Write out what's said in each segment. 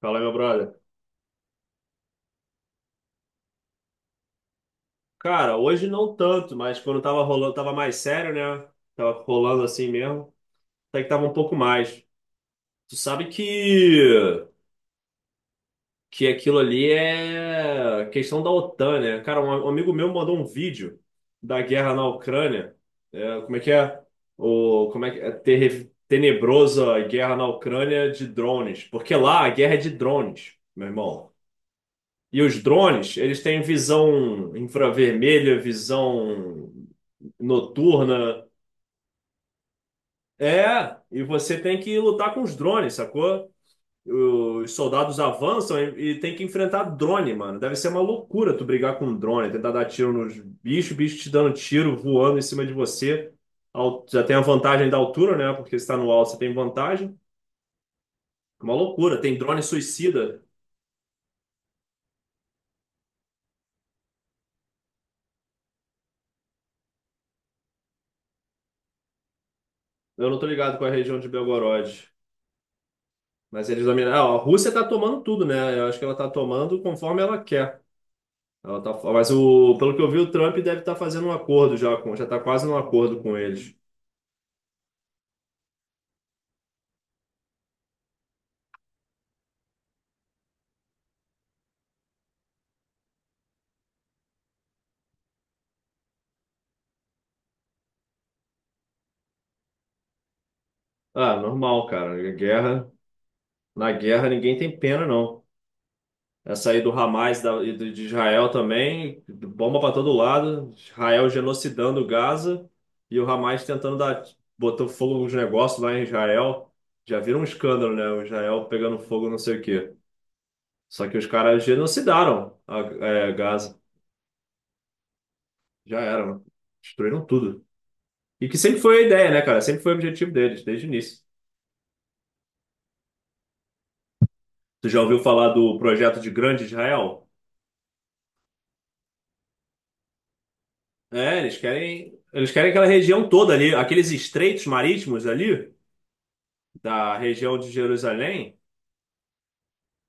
Fala, meu brother. Cara, hoje não tanto, mas quando tava rolando, tava mais sério, né? Tava rolando assim mesmo. Até que tava um pouco mais. Tu sabe que aquilo ali é questão da OTAN, né? Cara, um amigo meu mandou um vídeo da guerra na Ucrânia. É, como é que é? O, como é que é? Tenebrosa guerra na Ucrânia de drones. Porque lá a guerra é de drones, meu irmão. E os drones, eles têm visão infravermelha, visão noturna. É, e você tem que lutar com os drones, sacou? Os soldados avançam e tem que enfrentar drone, mano. Deve ser uma loucura tu brigar com um drone, tentar dar tiro nos bichos, bicho te dando tiro, voando em cima de você. Já tem a vantagem da altura, né? Porque se tá no alto, você tem vantagem. É uma loucura. Tem drone suicida. Eu não tô ligado com a região de Belgorod. Mas eles dominam. Ah, a Rússia tá tomando tudo, né? Eu acho que ela tá tomando conforme ela quer. Ela tá, mas o, pelo que eu vi, o Trump deve estar fazendo um acordo já com, já está quase num acordo com eles. Ah, normal, cara. Guerra, na guerra ninguém tem pena, não. Essa aí do Hamas da- e do- de Israel também, bomba para todo lado, Israel genocidando Gaza e o Hamas tentando dar, botou fogo nos negócios lá em Israel. Já viram um escândalo, né? O Israel pegando fogo, não sei o quê. Só que os caras genocidaram é, Gaza. Já era, mano. Destruíram tudo. E que sempre foi a ideia, né, cara? Sempre foi o objetivo deles, desde o início. Tu já ouviu falar do projeto de Grande Israel? É, eles querem aquela região toda ali, aqueles estreitos marítimos ali, da região de Jerusalém,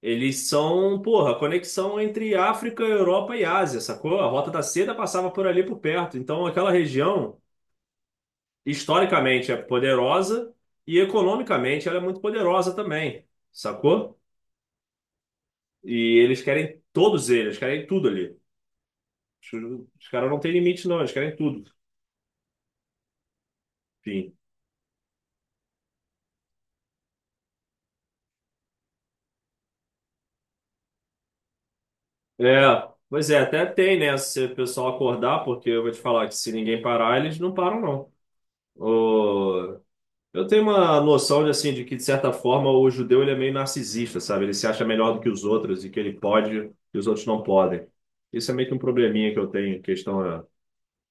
eles são, porra, conexão entre África, Europa e Ásia, sacou? A Rota da Seda passava por ali por perto. Então, aquela região, historicamente, é poderosa e economicamente ela é muito poderosa também, sacou? E eles querem todos eles, querem tudo ali. Os caras não têm limite, não, eles querem tudo. Enfim. É, pois é, até tem, né? Se o pessoal acordar, porque eu vou te falar que se ninguém parar, eles não param, não. O- Eu tenho uma noção de, assim, de que, de certa forma, o judeu ele é meio narcisista, sabe? Ele se acha melhor do que os outros e que ele pode e os outros não podem. Isso é meio que um probleminha que eu tenho, em questão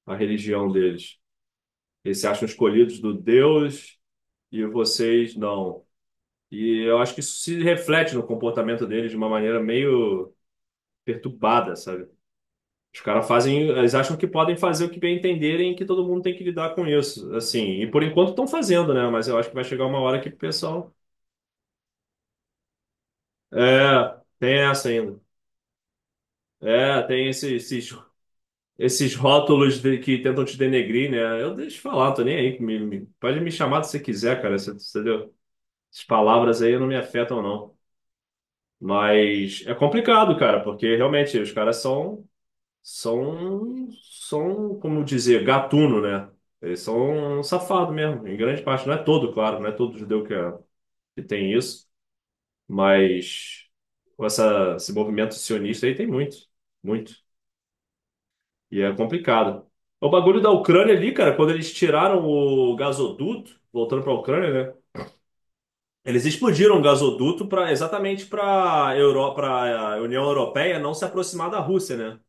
a religião deles. Eles se acham escolhidos do Deus e vocês não. E eu acho que isso se reflete no comportamento deles de uma maneira meio perturbada, sabe? Os caras fazem, eles acham que podem fazer o que bem entenderem e que todo mundo tem que lidar com isso, assim. E por enquanto estão fazendo, né? Mas eu acho que vai chegar uma hora que o pessoal, é, tem essa ainda. É, esses esses rótulos que tentam te denegrir, né? Eu deixo falar, tô nem aí. Pode me chamar se você quiser, cara. Você, entendeu? Essas palavras aí não me afetam, não. Mas é complicado, cara, porque realmente os caras são, como dizer, gatuno, né? Eles são safados mesmo, em grande parte. Não é todo, claro, não é todo judeu que tem isso, mas com essa, esse movimento sionista aí tem muito, muito. E é complicado. O bagulho da Ucrânia ali, cara, quando eles tiraram o gasoduto, voltando para a Ucrânia, né? Eles explodiram o gasoduto para Europa, para a União Europeia não se aproximar da Rússia, né?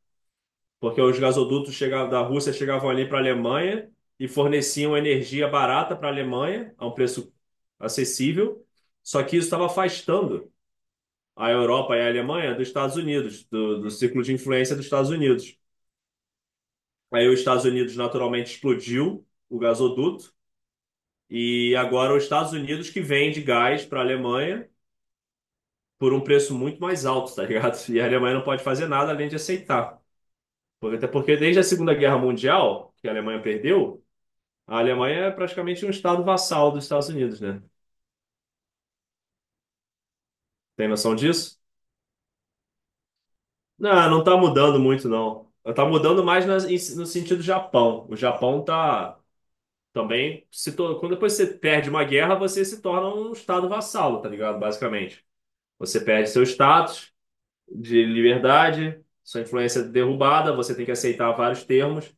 Porque os gasodutos chegavam, da Rússia chegavam ali para a Alemanha e forneciam energia barata para a Alemanha, a um preço acessível. Só que isso estava afastando a Europa e a Alemanha dos Estados Unidos, do círculo de influência dos Estados Unidos. Aí os Estados Unidos naturalmente explodiu o gasoduto e agora os Estados Unidos que vende gás para a Alemanha por um preço muito mais alto, tá ligado? E a Alemanha não pode fazer nada além de aceitar. Até porque desde a Segunda Guerra Mundial, que a Alemanha perdeu, a Alemanha é praticamente um estado vassal dos Estados Unidos, né? Tem noção disso? Não, não tá mudando muito, não. Tá mudando mais no sentido Japão. O Japão tá também se tor- quando depois você perde uma guerra, você se torna um estado vassalo, tá ligado? Basicamente. Você perde seu status de liberdade, sua influência é derrubada, você tem que aceitar vários termos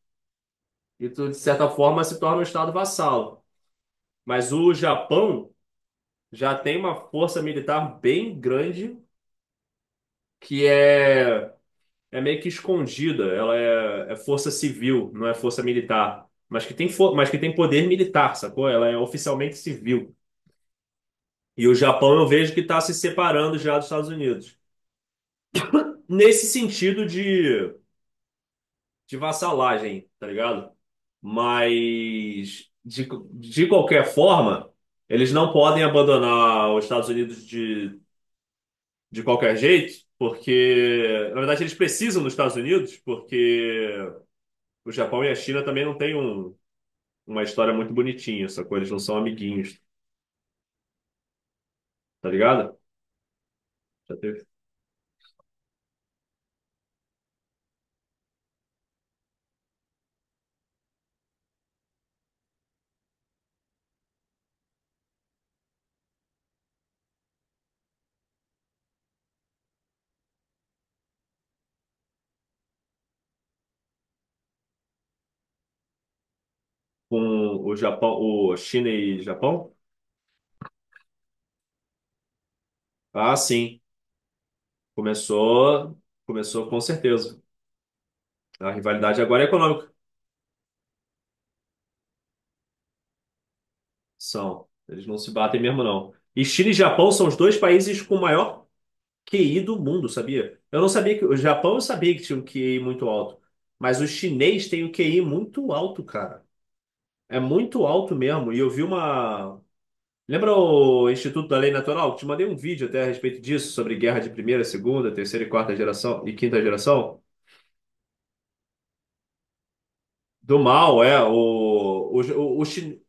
e tu, de certa forma, se torna um estado vassalo. Mas o Japão já tem uma força militar bem grande que é meio que escondida. Ela é força civil, não é força militar. Mas que tem, mas que tem poder militar, sacou? Ela é oficialmente civil. E o Japão eu vejo que está se separando já dos Estados Unidos. Nesse sentido de vassalagem, tá ligado? Mas, de qualquer forma, eles não podem abandonar os Estados Unidos de qualquer jeito, porque, na verdade, eles precisam dos Estados Unidos, porque o Japão e a China também não têm uma história muito bonitinha, sacou? Eles não são amiguinhos, tá ligado? Já teve com o Japão, o China e Japão? Ah, sim. Começou, começou com certeza. A rivalidade agora é econômica. São. Eles não se batem mesmo, não. E China e Japão são os dois países com o maior QI do mundo, sabia? Eu não sabia que. O Japão eu sabia que tinha um QI muito alto. Mas o chinês tem um QI muito alto, cara. É muito alto mesmo. E eu vi uma, lembra o Instituto da Lei Natural? Te mandei um vídeo até a respeito disso, sobre guerra de primeira, segunda, terceira e quarta geração e quinta geração. Do mal, é,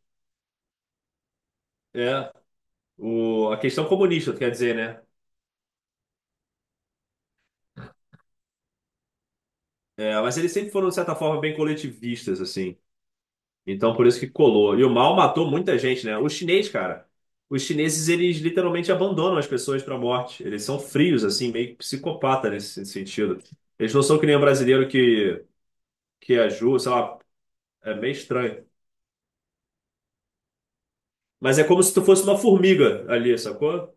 é, a questão comunista, quer dizer, né? É, mas eles sempre foram, de certa forma, bem coletivistas, assim. Então, por isso que colou. E o mal matou muita gente, né? O chinês, cara, os chineses, eles literalmente abandonam as pessoas para a morte. Eles são frios, assim, meio psicopata nesse sentido. Eles não são que nem o brasileiro que ajuda, sei lá, é meio estranho. Mas é como se tu fosse uma formiga ali, sacou?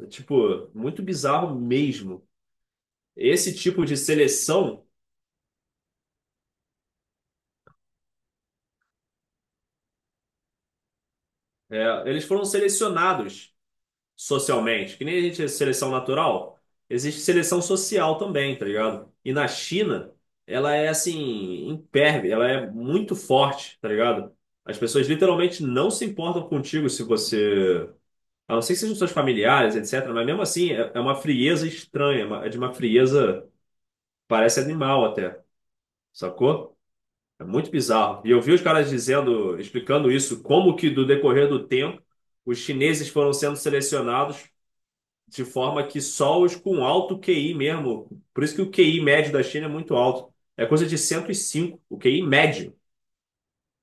É, tipo, muito bizarro mesmo. Esse tipo de seleção, é, eles foram selecionados socialmente, que nem a gente é seleção natural, existe seleção social também, tá ligado? E na China, ela é assim, imperve, ela é muito forte, tá ligado? As pessoas literalmente não se importam contigo se você. A não ser que sejam seus familiares, etc. Mas mesmo assim, é uma frieza estranha, é de uma frieza, parece animal até, sacou? É muito bizarro. E eu vi os caras dizendo, explicando isso, como que do decorrer do tempo os chineses foram sendo selecionados de forma que só os com alto QI mesmo. Por isso que o QI médio da China é muito alto. É coisa de 105 o QI médio.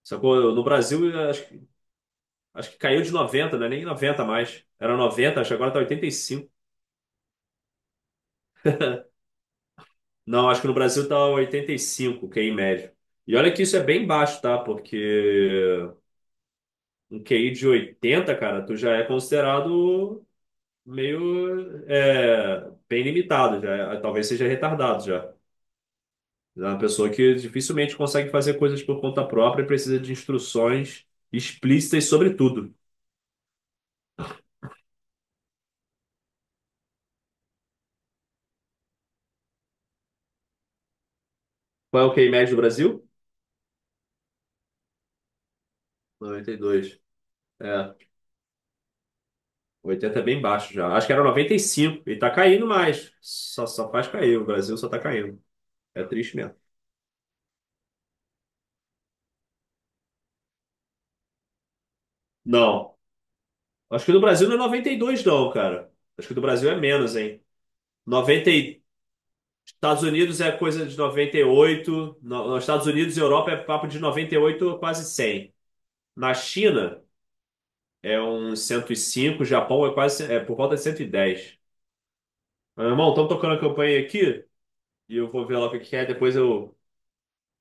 Sacou? No Brasil, eu acho, acho que caiu de 90, não é nem 90 mais. Era 90 acho que agora tá 85. Não, acho que no Brasil tá 85, o QI médio. E olha que isso é bem baixo, tá? Porque um QI de 80, cara, tu já é considerado meio é, bem limitado, talvez seja retardado já. É uma pessoa que dificilmente consegue fazer coisas por conta própria e precisa de instruções explícitas sobre tudo. Qual é o QI médio do Brasil? 92. É, oitenta é bem baixo já. Acho que era noventa e cinco e tá caindo mais. Só faz cair, o Brasil só tá caindo. É triste mesmo. Não, acho que do Brasil não é 92 não, cara. Acho que do Brasil é menos, hein? 90. Estados Unidos é coisa de 98. Nos Estados Unidos e Europa é papo de 98 a quase 100. Na China é uns 105. Japão é quase é por volta de 110. Meu irmão, estão tocando a campanha aqui e eu vou ver lá o que que é. Depois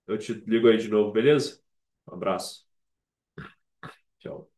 eu te ligo aí de novo, beleza? Um abraço. Tchau.